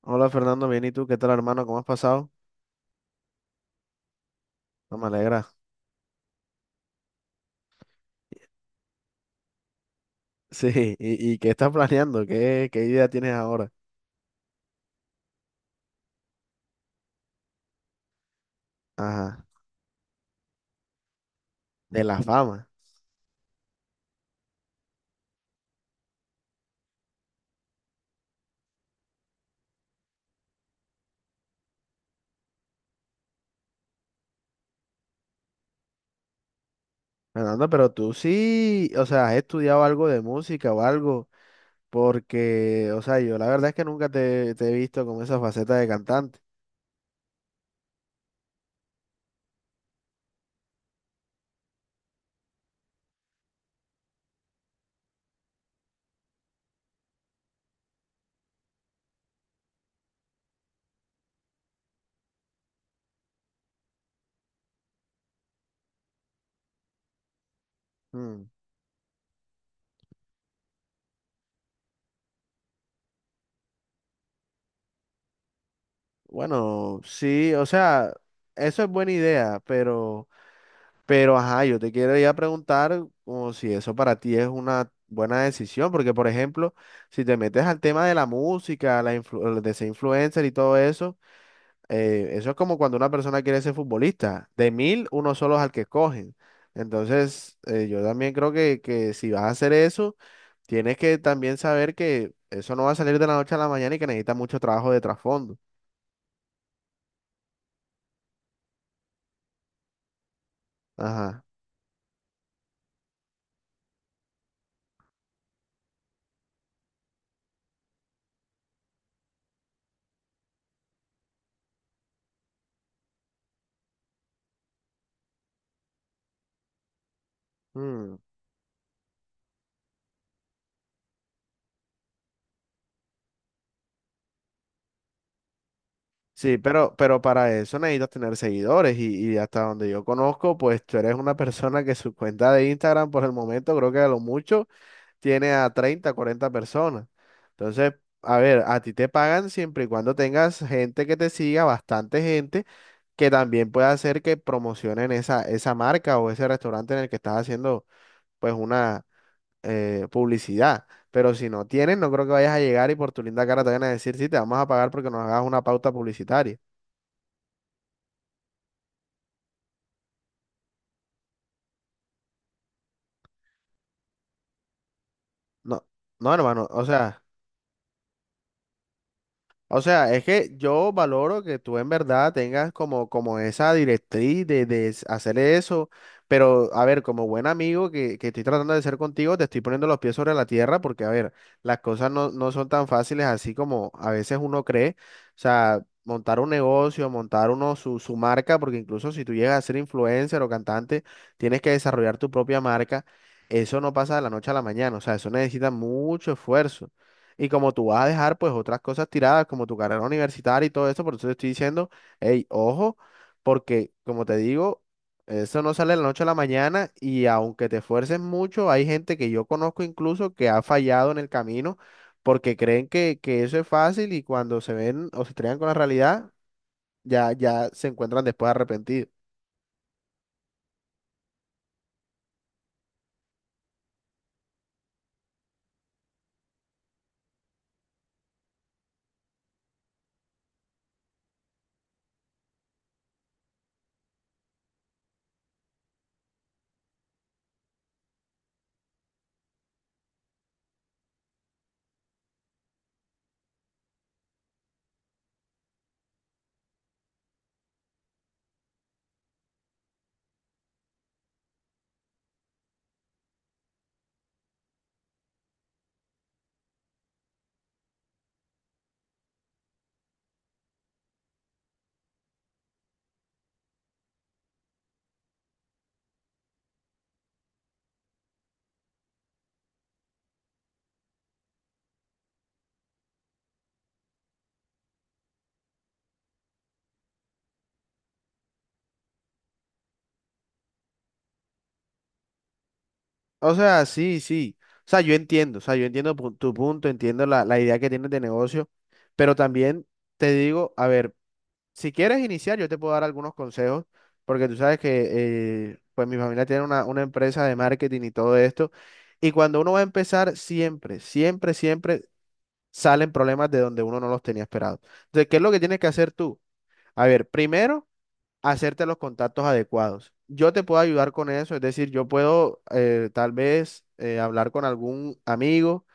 Hola Fernando, bien, ¿y tú? ¿Qué tal, hermano? ¿Cómo has pasado? No me alegra. Sí, ¿y qué estás planeando? ¿Qué idea tienes ahora? Ajá, de la fama. Fernando, pero tú sí, o sea, has estudiado algo de música o algo, porque, o sea, yo la verdad es que nunca te he visto con esa faceta de cantante. Mm. Bueno, sí, o sea, eso es buena idea, Pero, ajá, yo te quiero ya preguntar como si eso para ti es una buena decisión, porque, por ejemplo, si te metes al tema de la música, de ser influencer y todo eso, eso es como cuando una persona quiere ser futbolista. De mil, uno solo es al que escogen. Entonces, yo también creo que si vas a hacer eso, tienes que también saber que eso no va a salir de la noche a la mañana y que necesita mucho trabajo de trasfondo. Ajá. Mm. Sí, pero para eso necesitas tener seguidores y hasta donde yo conozco, pues tú eres una persona que su cuenta de Instagram por el momento creo que a lo mucho tiene a 30, 40 personas. Entonces, a ver, a ti te pagan siempre y cuando tengas gente que te siga, bastante gente, que también pueda hacer que promocionen esa marca o ese restaurante en el que estás haciendo pues una publicidad. Pero si no tienes, no creo que vayas a llegar y por tu linda cara te van a decir, sí, te vamos a pagar porque nos hagas una pauta publicitaria. No, no, hermano, o sea, es que yo valoro que tú en verdad tengas como, como esa directriz de hacer eso, pero a ver, como buen amigo que estoy tratando de ser contigo, te estoy poniendo los pies sobre la tierra porque, a ver, las cosas no son tan fáciles así como a veces uno cree, o sea, montar un negocio, montar uno su marca, porque incluso si tú llegas a ser influencer o cantante, tienes que desarrollar tu propia marca, eso no pasa de la noche a la mañana, o sea, eso necesita mucho esfuerzo. Y como tú vas a dejar pues otras cosas tiradas, como tu carrera universitaria y todo eso, por eso te estoy diciendo, hey, ojo, porque como te digo, eso no sale de la noche a la mañana y aunque te esfuerces mucho, hay gente que yo conozco incluso que ha fallado en el camino porque creen que eso es fácil y cuando se ven o se estrellan con la realidad, ya, ya se encuentran después arrepentidos. O sea, sí, sí. O sea, yo entiendo, o sea, yo entiendo tu punto, entiendo la idea que tienes de negocio, pero también te digo, a ver. Si quieres iniciar, yo te puedo dar algunos consejos, porque tú sabes que pues mi familia tiene una empresa de marketing y todo esto. Y cuando uno va a empezar, siempre, siempre, siempre salen problemas de donde uno no los tenía esperado. Entonces, ¿qué es lo que tienes que hacer tú? A ver, primero, hacerte los contactos adecuados. Yo te puedo ayudar con eso, es decir, yo puedo tal vez hablar con algún amigo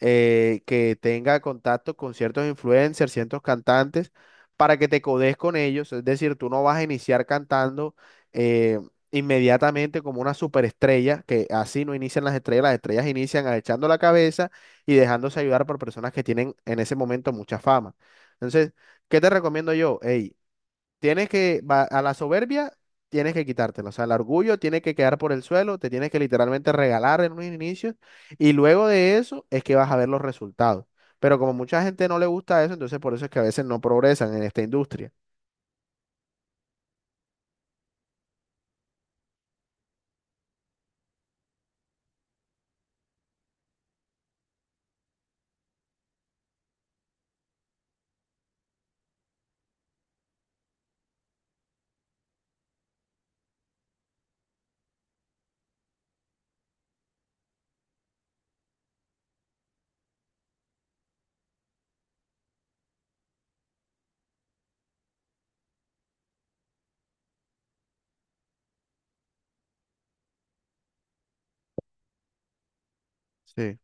que tenga contacto con ciertos influencers, ciertos cantantes, para que te codes con ellos. Es decir, tú no vas a iniciar cantando eh, inmediatamente como una superestrella, que así no inician las estrellas inician agachando la cabeza y dejándose ayudar por personas que tienen en ese momento mucha fama. Entonces, ¿qué te recomiendo yo? Ey, tienes que, a la soberbia, tienes que quitártela. O sea, el orgullo tiene que quedar por el suelo, te tienes que literalmente regalar en un inicio. Y luego de eso es que vas a ver los resultados. Pero como mucha gente no le gusta eso, entonces por eso es que a veces no progresan en esta industria. Sí.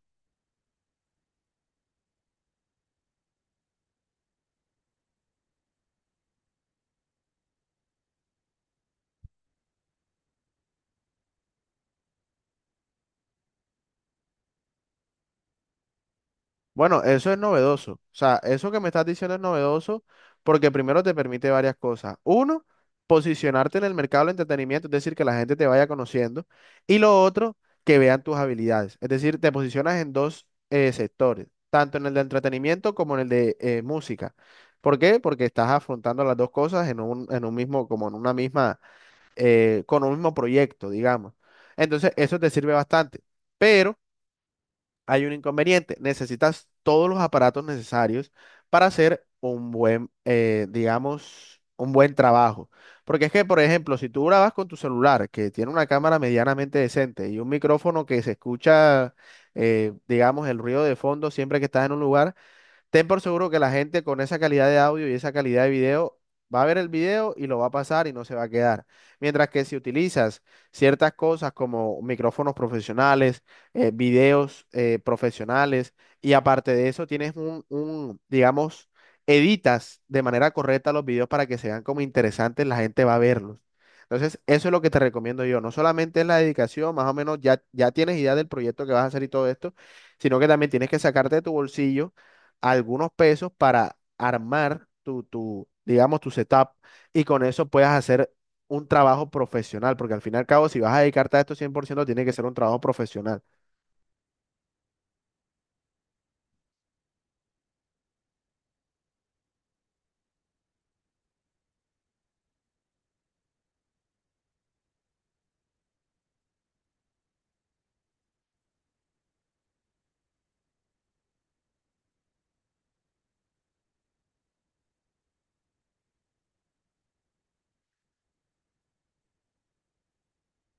Bueno, eso es novedoso. O sea, eso que me estás diciendo es novedoso porque primero te permite varias cosas. Uno, posicionarte en el mercado del entretenimiento, es decir, que la gente te vaya conociendo. Y lo otro, que vean tus habilidades. Es decir, te posicionas en dos sectores, tanto en el de entretenimiento como en el de música. ¿Por qué? Porque estás afrontando las dos cosas en un mismo, como en una misma, con un mismo proyecto, digamos. Entonces, eso te sirve bastante. Pero hay un inconveniente. Necesitas todos los aparatos necesarios para hacer un buen, digamos, un buen trabajo. Porque es que, por ejemplo, si tú grabas con tu celular, que tiene una cámara medianamente decente y un micrófono que se escucha, digamos, el ruido de fondo siempre que estás en un lugar. Ten por seguro que la gente con esa calidad de audio y esa calidad de video va a ver el video y lo va a pasar y no se va a quedar. Mientras que si utilizas ciertas cosas como micrófonos profesionales, videos profesionales y aparte de eso tienes digamos, editas de manera correcta los videos para que se vean como interesantes, la gente va a verlos. Entonces, eso es lo que te recomiendo yo. No solamente es la dedicación, más o menos ya, ya tienes idea del proyecto que vas a hacer y todo esto, sino que también tienes que sacarte de tu bolsillo algunos pesos para armar digamos, tu setup y con eso puedas hacer un trabajo profesional, porque al fin y al cabo, si vas a dedicarte a esto 100% tiene que ser un trabajo profesional.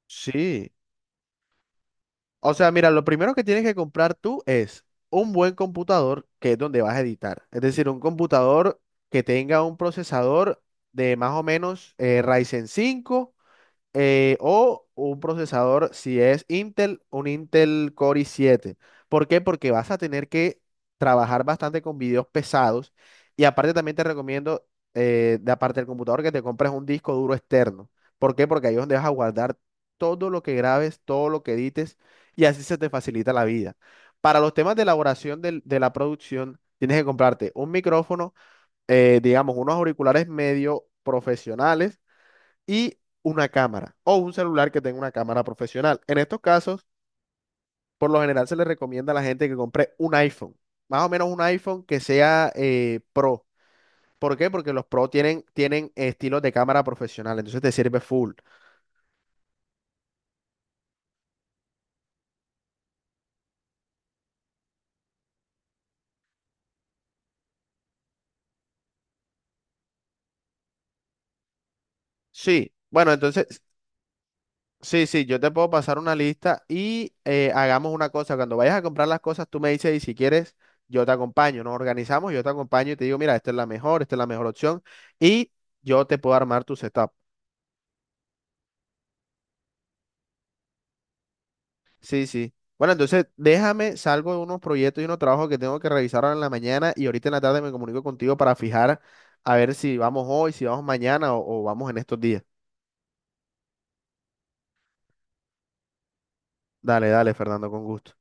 Sí. O sea, mira, lo primero que tienes que comprar tú es un buen computador, que es donde vas a editar. Es decir, un computador que tenga un procesador de más o menos Ryzen 5 o un procesador, si es Intel, un Intel Core i7. ¿Por qué? Porque vas a tener que trabajar bastante con videos pesados y aparte también te recomiendo, de aparte del computador, que te compres un disco duro externo. ¿Por qué? Porque ahí es donde vas a guardar todo lo que grabes, todo lo que edites y así se te facilita la vida. Para los temas de elaboración de la producción, tienes que comprarte un micrófono, digamos, unos auriculares medio profesionales y una cámara o un celular que tenga una cámara profesional. En estos casos, por lo general se le recomienda a la gente que compre un iPhone, más o menos un iPhone que sea Pro. ¿Por qué? Porque los Pro tienen estilos de cámara profesional, entonces te sirve full. Sí, bueno, entonces, sí, sí, yo te puedo pasar una lista y hagamos una cosa. Cuando vayas a comprar las cosas, tú me dices y si quieres, yo te acompaño. Nos organizamos, yo te acompaño y te digo, mira, esta es la mejor, esta es la mejor opción y yo te puedo armar tu setup. Sí, sí. Bueno, entonces déjame, salgo de unos proyectos y unos trabajos que tengo que revisar ahora en la mañana y ahorita en la tarde me comunico contigo para fijar a ver si vamos hoy, si vamos mañana o vamos en estos días. Dale, dale, Fernando, con gusto.